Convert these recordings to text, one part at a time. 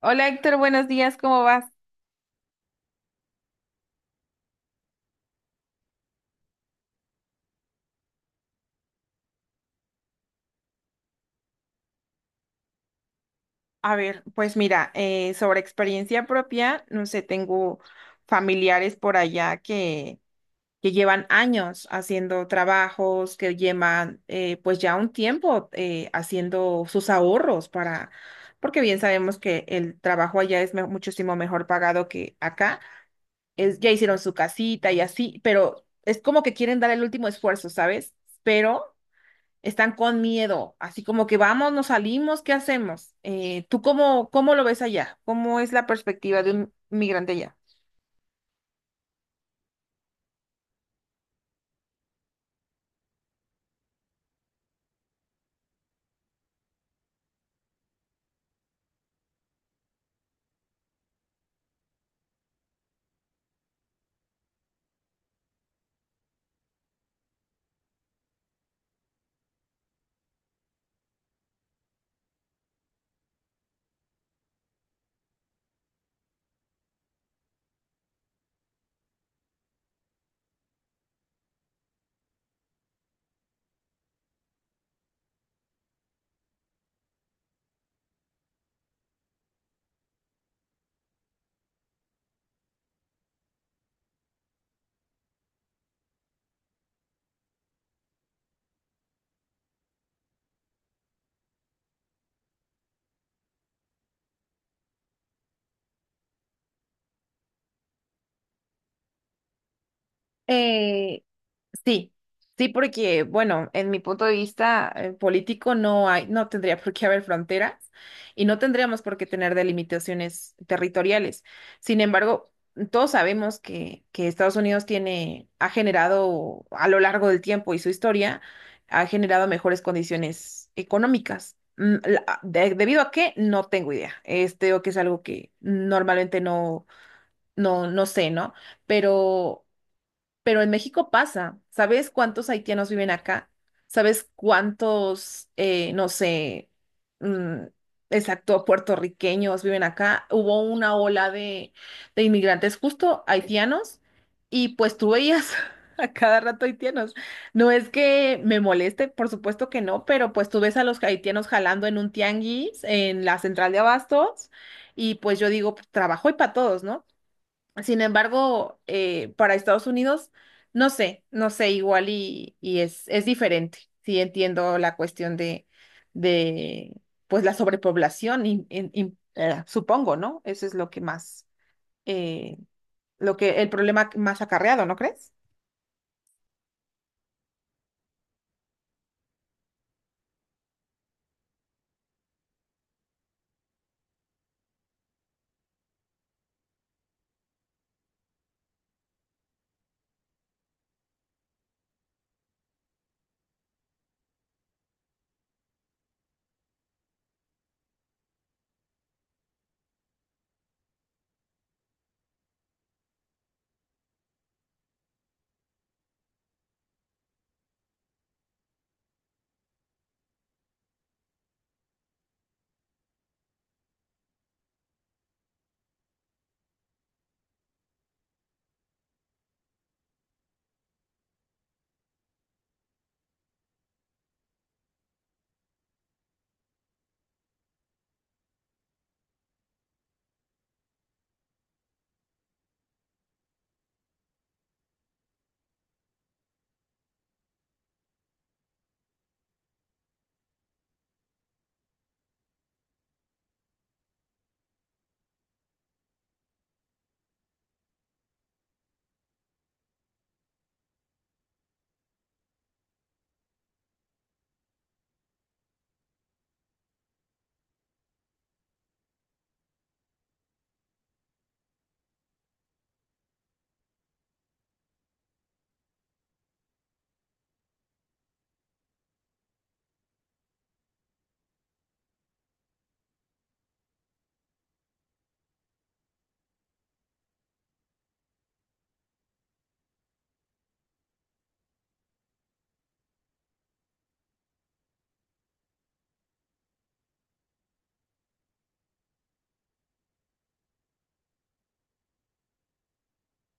Hola Héctor, buenos días, ¿cómo vas? A ver, pues mira, sobre experiencia propia, no sé, tengo familiares por allá que llevan años haciendo trabajos, que llevan pues ya un tiempo haciendo sus ahorros para, porque bien sabemos que el trabajo allá muchísimo mejor pagado que acá, es, ya hicieron su casita y así, pero es como que quieren dar el último esfuerzo, ¿sabes? Pero están con miedo, así como que vamos, nos salimos, ¿qué hacemos? ¿Tú cómo, cómo lo ves allá? ¿Cómo es la perspectiva de un migrante allá? Eh, Sí, sí, porque, bueno, en mi punto de vista político no hay, no tendría por qué haber fronteras y no tendríamos por qué tener delimitaciones territoriales. Sin embargo, todos sabemos que Estados Unidos tiene, ha generado a lo largo del tiempo y su historia, ha generado mejores condiciones económicas. Debido a qué, no tengo idea. Este, o que es algo que normalmente no, no, no sé, ¿no? Pero pero en México pasa. ¿Sabes cuántos haitianos viven acá? ¿Sabes cuántos, no sé, mm, exacto, puertorriqueños viven acá? Hubo una ola de inmigrantes justo haitianos y pues tú veías a cada rato haitianos. No es que me moleste, por supuesto que no, pero pues tú ves a los haitianos jalando en un tianguis, en la central de abastos y pues yo digo, pues, trabajo y para todos, ¿no? Sin embargo, para Estados Unidos, no sé, no sé, igual y es diferente. Sí entiendo la cuestión de pues la sobrepoblación, y, supongo, ¿no? Eso es lo que más, eh, lo que, el problema más acarreado, ¿no crees?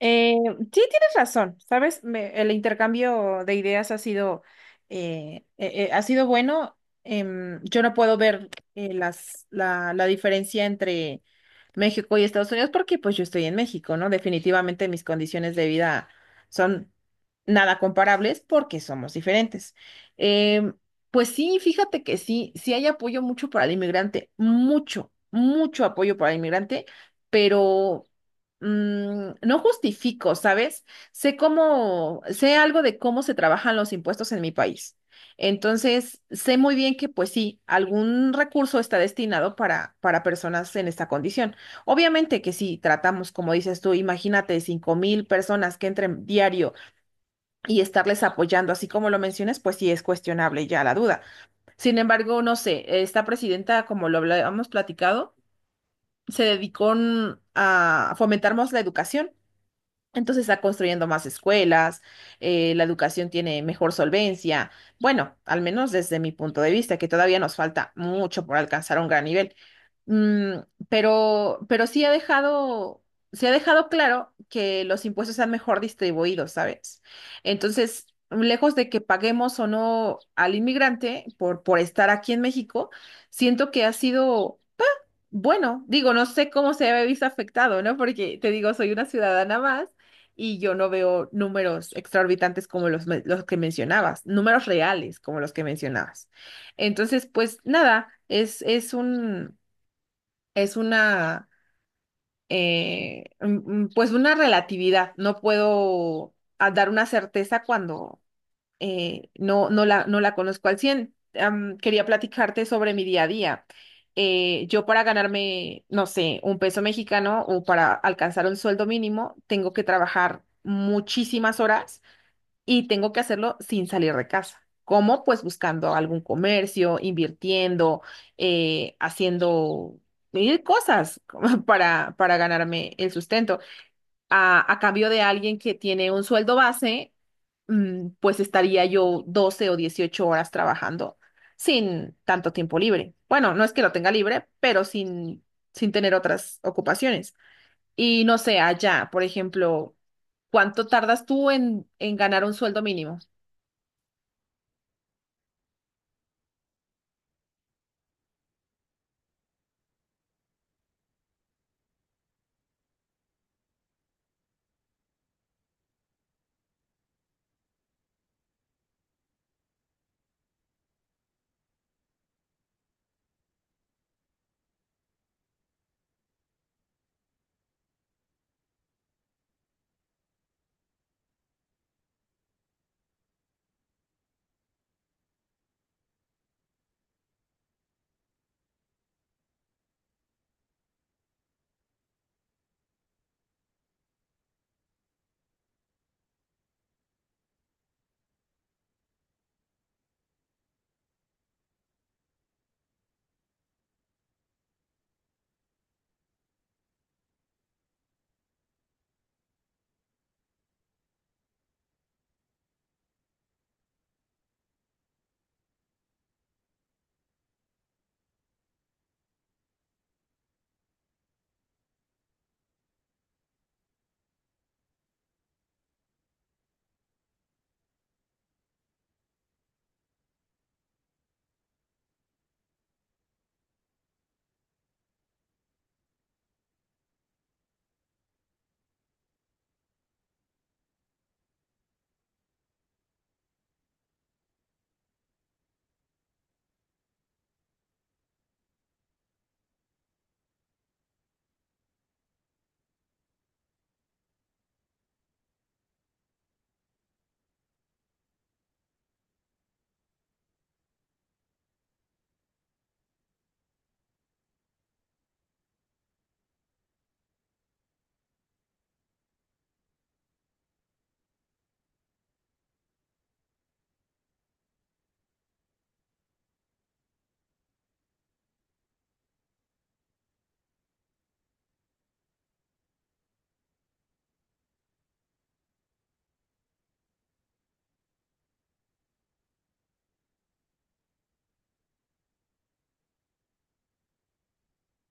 Sí, tienes razón, ¿sabes? El intercambio de ideas ha sido bueno. Yo no puedo ver las, la diferencia entre México y Estados Unidos porque pues yo estoy en México, ¿no? Definitivamente mis condiciones de vida son nada comparables porque somos diferentes. Em, pues sí, fíjate que sí, sí hay apoyo mucho para el inmigrante, mucho, mucho apoyo para el inmigrante, pero no justifico, ¿sabes? Sé cómo, sé algo de cómo se trabajan los impuestos en mi país. Entonces, sé muy bien que, pues sí, algún recurso está destinado para personas en esta condición. Obviamente que si tratamos, como dices tú, imagínate 5,000 personas que entren diario y estarles apoyando, así como lo mencionas, pues sí es cuestionable ya la duda. Sin embargo, no sé, esta presidenta, como lo hemos platicado, se dedicó a fomentar más la educación. Entonces está construyendo más escuelas, la educación tiene mejor solvencia. Bueno, al menos desde mi punto de vista, que todavía nos falta mucho por alcanzar un gran nivel. Mm, pero sí se ha dejado claro que los impuestos están mejor distribuidos, ¿sabes? Entonces, lejos de que paguemos o no al inmigrante por estar aquí en México, siento que ha sido. Bueno, digo, no sé cómo se había visto afectado, ¿no? Porque te digo, soy una ciudadana más y yo no veo números exorbitantes como los, los que mencionabas, números reales como los que mencionabas. Entonces, pues nada, es un, es una, eh, mm, pues una relatividad. No puedo dar una certeza cuando no, no la, no la conozco al 100. Quería platicarte sobre mi día a día. Yo para ganarme, no sé, un peso mexicano o para alcanzar un sueldo mínimo, tengo que trabajar muchísimas horas y tengo que hacerlo sin salir de casa. ¿Cómo? Pues buscando algún comercio, invirtiendo, haciendo mil cosas para ganarme el sustento a cambio de alguien que tiene un sueldo base, pues estaría yo 12 o 18 horas trabajando sin tanto tiempo libre. Bueno, no es que lo tenga libre, pero sin, sin tener otras ocupaciones. Y no sé, allá, por ejemplo, ¿cuánto tardas tú en ganar un sueldo mínimo?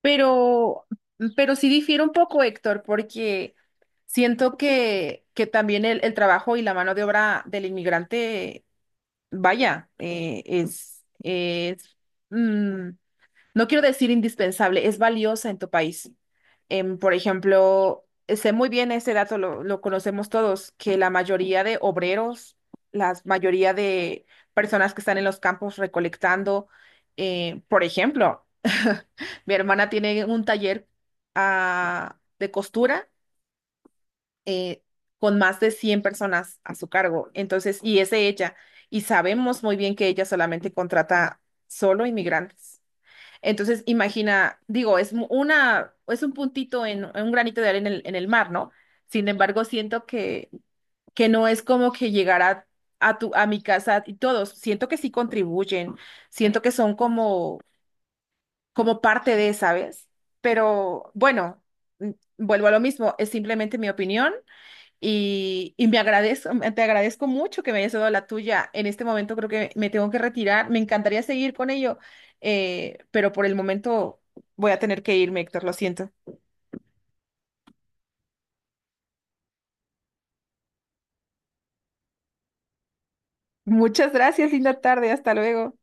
Pero, pero sí difiere un poco, Héctor, porque siento que también el trabajo y la mano de obra del inmigrante vaya, mm, no quiero decir indispensable, es valiosa en tu país. Por ejemplo, sé muy bien ese dato, lo conocemos todos, que la mayoría de obreros, la mayoría de personas que están en los campos recolectando, por ejemplo, mi hermana tiene un taller, de costura eh, con más de 100 personas a su cargo. Entonces, y es ella. Y sabemos muy bien que ella solamente contrata solo inmigrantes. Entonces, imagina, digo, es un puntito en un granito de arena en el mar, ¿no? Sin embargo, siento que no es como que llegará a tu, a mi casa y todos, siento que sí contribuyen, siento que son como parte de, ¿sabes? Pero bueno, mm, vuelvo a lo mismo, es simplemente mi opinión y me agradezco, te agradezco mucho que me hayas dado la tuya. En este momento creo que me tengo que retirar. Me encantaría seguir con ello, pero por el momento voy a tener que irme, Héctor, lo siento. Muchas gracias, linda tarde, hasta luego.